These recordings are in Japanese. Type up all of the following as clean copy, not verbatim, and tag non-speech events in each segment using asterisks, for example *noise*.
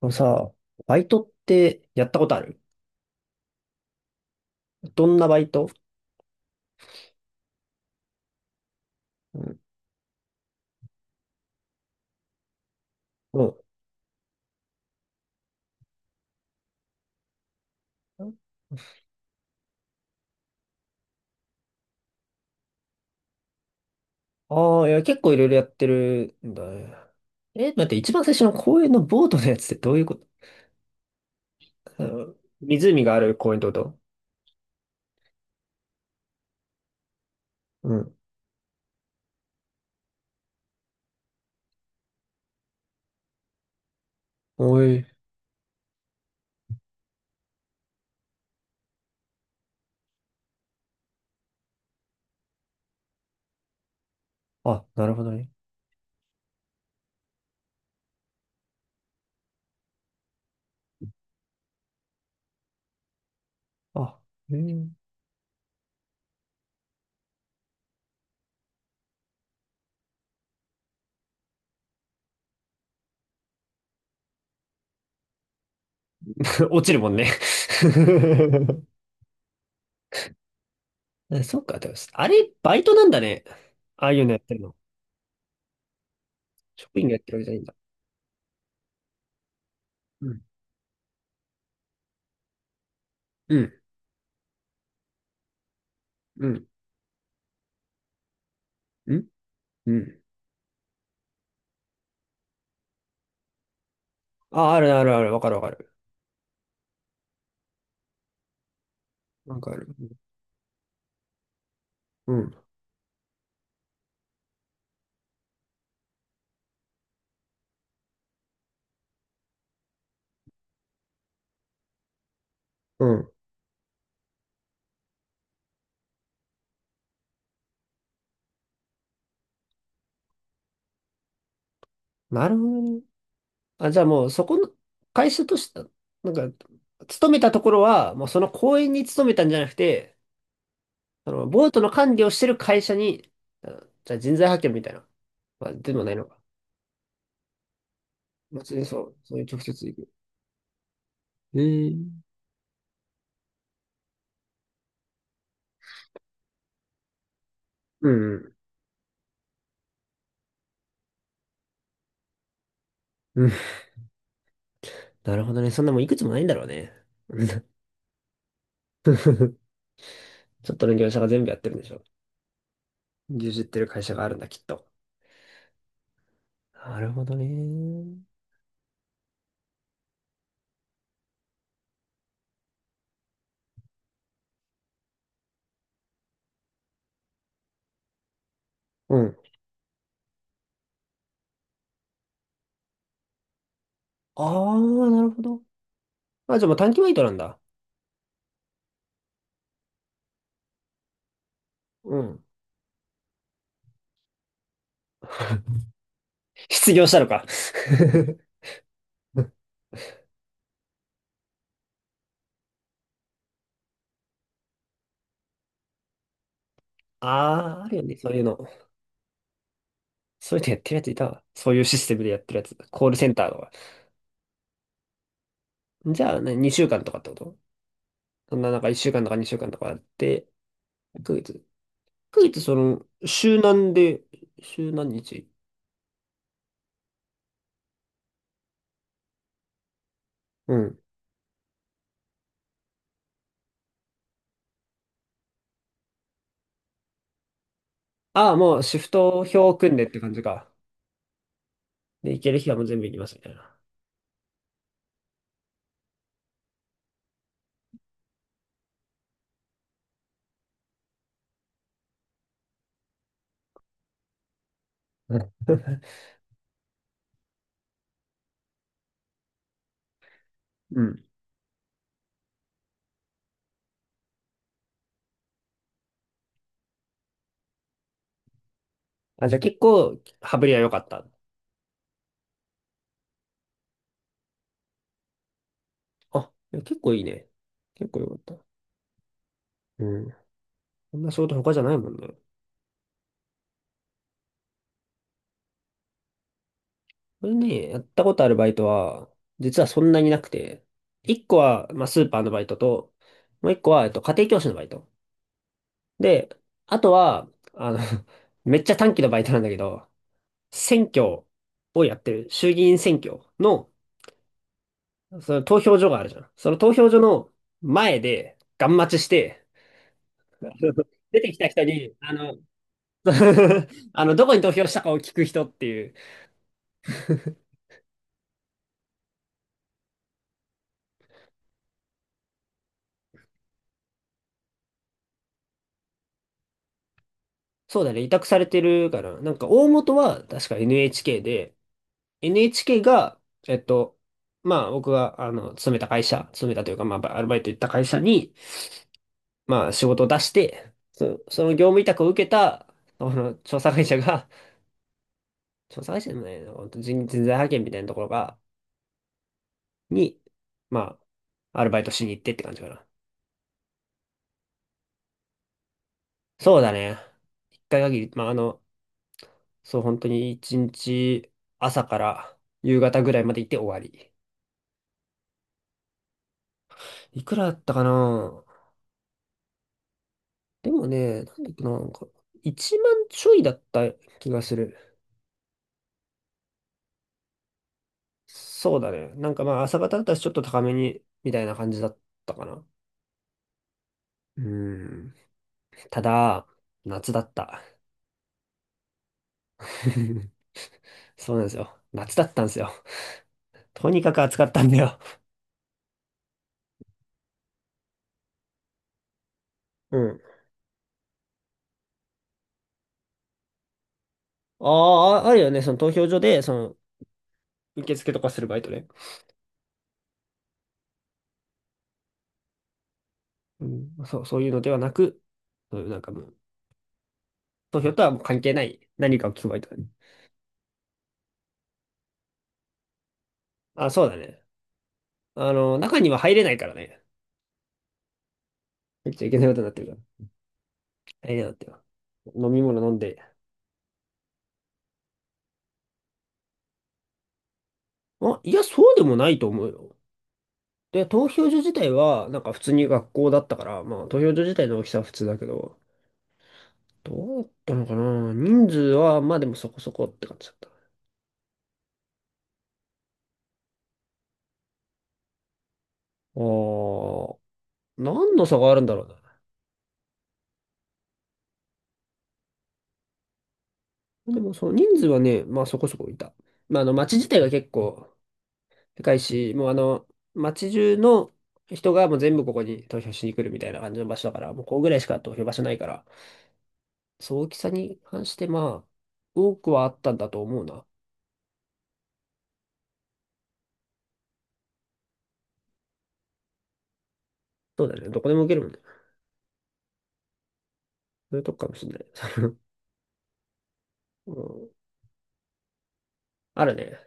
あのさ、バイトってやったことある？どんなバイト？うん。うん。ああー、いや、結構いろいろやってるんだね。え、待って、一番最初の公園のボートのやつってどういうこと？あの湖がある公園ってこと？うん。おい。あ、なるほどね。あ、うん。*laughs* 落ちるもんね *laughs* え、そっか、でもあれ、バイトなんだね。ああいうのやってるの？職員がやってるわけじゃないんだ。うん。うん。うん。うん。うん。あ、あるねあるある。わかるわかる。わかる。うん。うん。なるほどね。あ、じゃあもうそこの会社として、なんか、勤めたところは、もうその公園に勤めたんじゃなくて、そのボートの管理をしてる会社に、あのじゃあ人材派遣みたいな。まあ、でもないのか。別にそう、そういう直接行く。ええ。うんうん。うん。*laughs* なるほどね。そんなもういくつもないんだろうね。うん。 *laughs* ちょっとの業者が全部やってるんでしょ。牛耳ってる会社があるんだ、きっと。なるほどね。うん。ああ、なるほど。あ、じゃあもう短期バイトなんだ。うん。失業したのか。*laughs* ああ、あるよね、そういうの。そういうのやってるやついたわ。そういうシステムでやってるやつ。コールセンターとか。じゃあ、ね、2週間とかってこと？そんな、なんか1週間とか2週間とかあって、1ヶ月。1月、その、週何で、週何日？うん。ああ、もうシフト表を組んでって感じか。で、行ける日はもう全部行きますみたいな。うんうん。あ、じゃあ結構、羽振りは良かった。あ、いや結構いいね。結構良かった。うん。こんな仕事他じゃないもんね。それね、やったことあるバイトは、実はそんなになくて、一個は、まあ、スーパーのバイトと、もう一個は、家庭教師のバイト。で、あとは、あの *laughs* めっちゃ短期のバイトなんだけど、選挙をやってる、衆議院選挙の、その投票所があるじゃん。その投票所の前で、ガン待ちして、*laughs* 出てきた人に、*laughs* どこに投票したかを聞く人っていう。そうだね、委託されてるから、なんか大元は確か NHK で、NHK が、えっと、まあ僕が、勤めた会社、勤めたというか、まあアルバイト行った会社に、まあ仕事を出して、その業務委託を受けた、その調査会社が、*laughs* 調査会社でもないの、本当人、人材派遣みたいなところが、に、まあ、アルバイトしに行ってって感じかな。そうだね。一回限り、まあそう本当に一日朝から夕方ぐらいまで行って終わり。いくらだったかな？でもね、なんだっけな、なんか、1万ちょいだった気がする。そうだね。なんかまあ、朝方だったらちょっと高めに、みたいな感じだったかな。うん。ただ、夏だった。*laughs* そうなんですよ。夏だったんですよ。とにかく暑かったんだよ。うん。ああ、あるよね。その投票所で、その、受付とかするバイトね。うん。そう、そういうのではなく、そういうなんかもう、投票とはもう関係ない何かを聞くバイトだね。あ、そうだね。中には入れないからね。入っちゃいけないことになってるから。あれだよってよ。飲み物飲んで。まあ、いや、そうでもないと思うよ。で、投票所自体は、なんか普通に学校だったから、まあ投票所自体の大きさは普通だけど、どうだったのかな人数は、まあでもそこそこって感じだった。あー、何の差があるんだろうな。でもその人数はね、まあそこそこいた。まああの街自体が結構でかいし、もう街中の人がもう全部ここに投票しに来るみたいな感じの場所だから、もうここぐらいしか投票場所ないから、そう、大きさに関して、まあ、多くはあったんだと思うな。そうだね。どこでも受けるもんね。そういうとこかもしんない。*laughs* うん。あるね。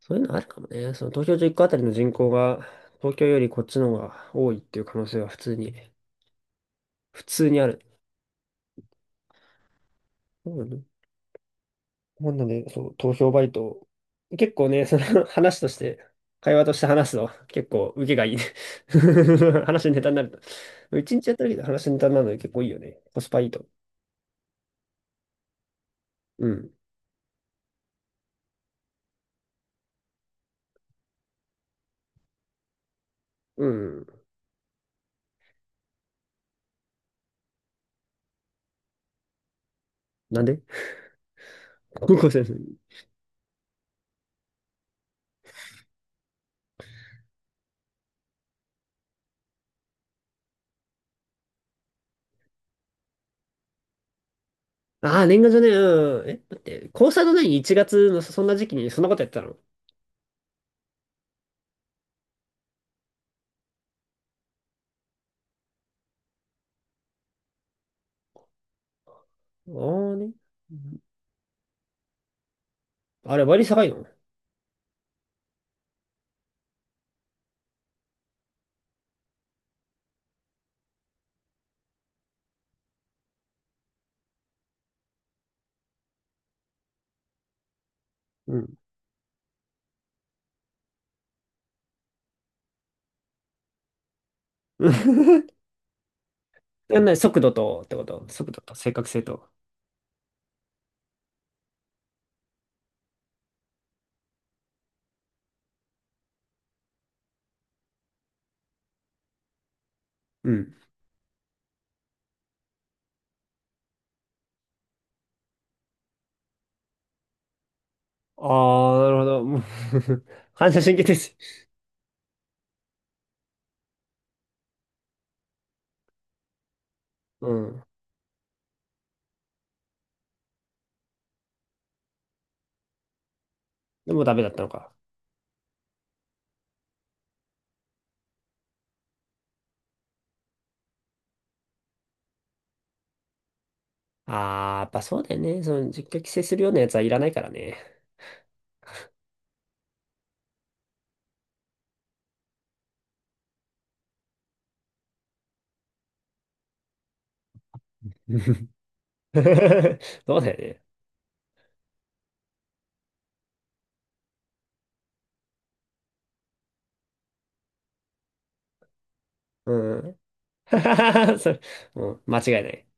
そういうのあるかもね。その東京1個あたりの人口が、東京よりこっちの方が多いっていう可能性は普通に、普通にある。そうだね。なんだね、そう、投票バイト。結構ね、その *laughs* 話として、会話として話すの、結構受けがいいね。*laughs* 話のネタになると。一日やっただけで話のネタになるの結構いいよね。コスパいいと。うん。うん。なんで？ *laughs* 高校生です。ああ、年賀状ね、うん。え、だって、高3の何？ 1 月のそんな時期にそんなことやってたの？ああね。うん。あれ、割り下がいの？うん。*laughs* やんない、速度と、ってこと速度と正確性と。うん。ああ、なるほど。もう *laughs* 反射神経です。うん。でもダメだったのか。ああ、やっぱそうだよね。その、実況規制するようなやつはいらないからね。*laughs* そうだよね。うん。*laughs* それ、うん、間違いない。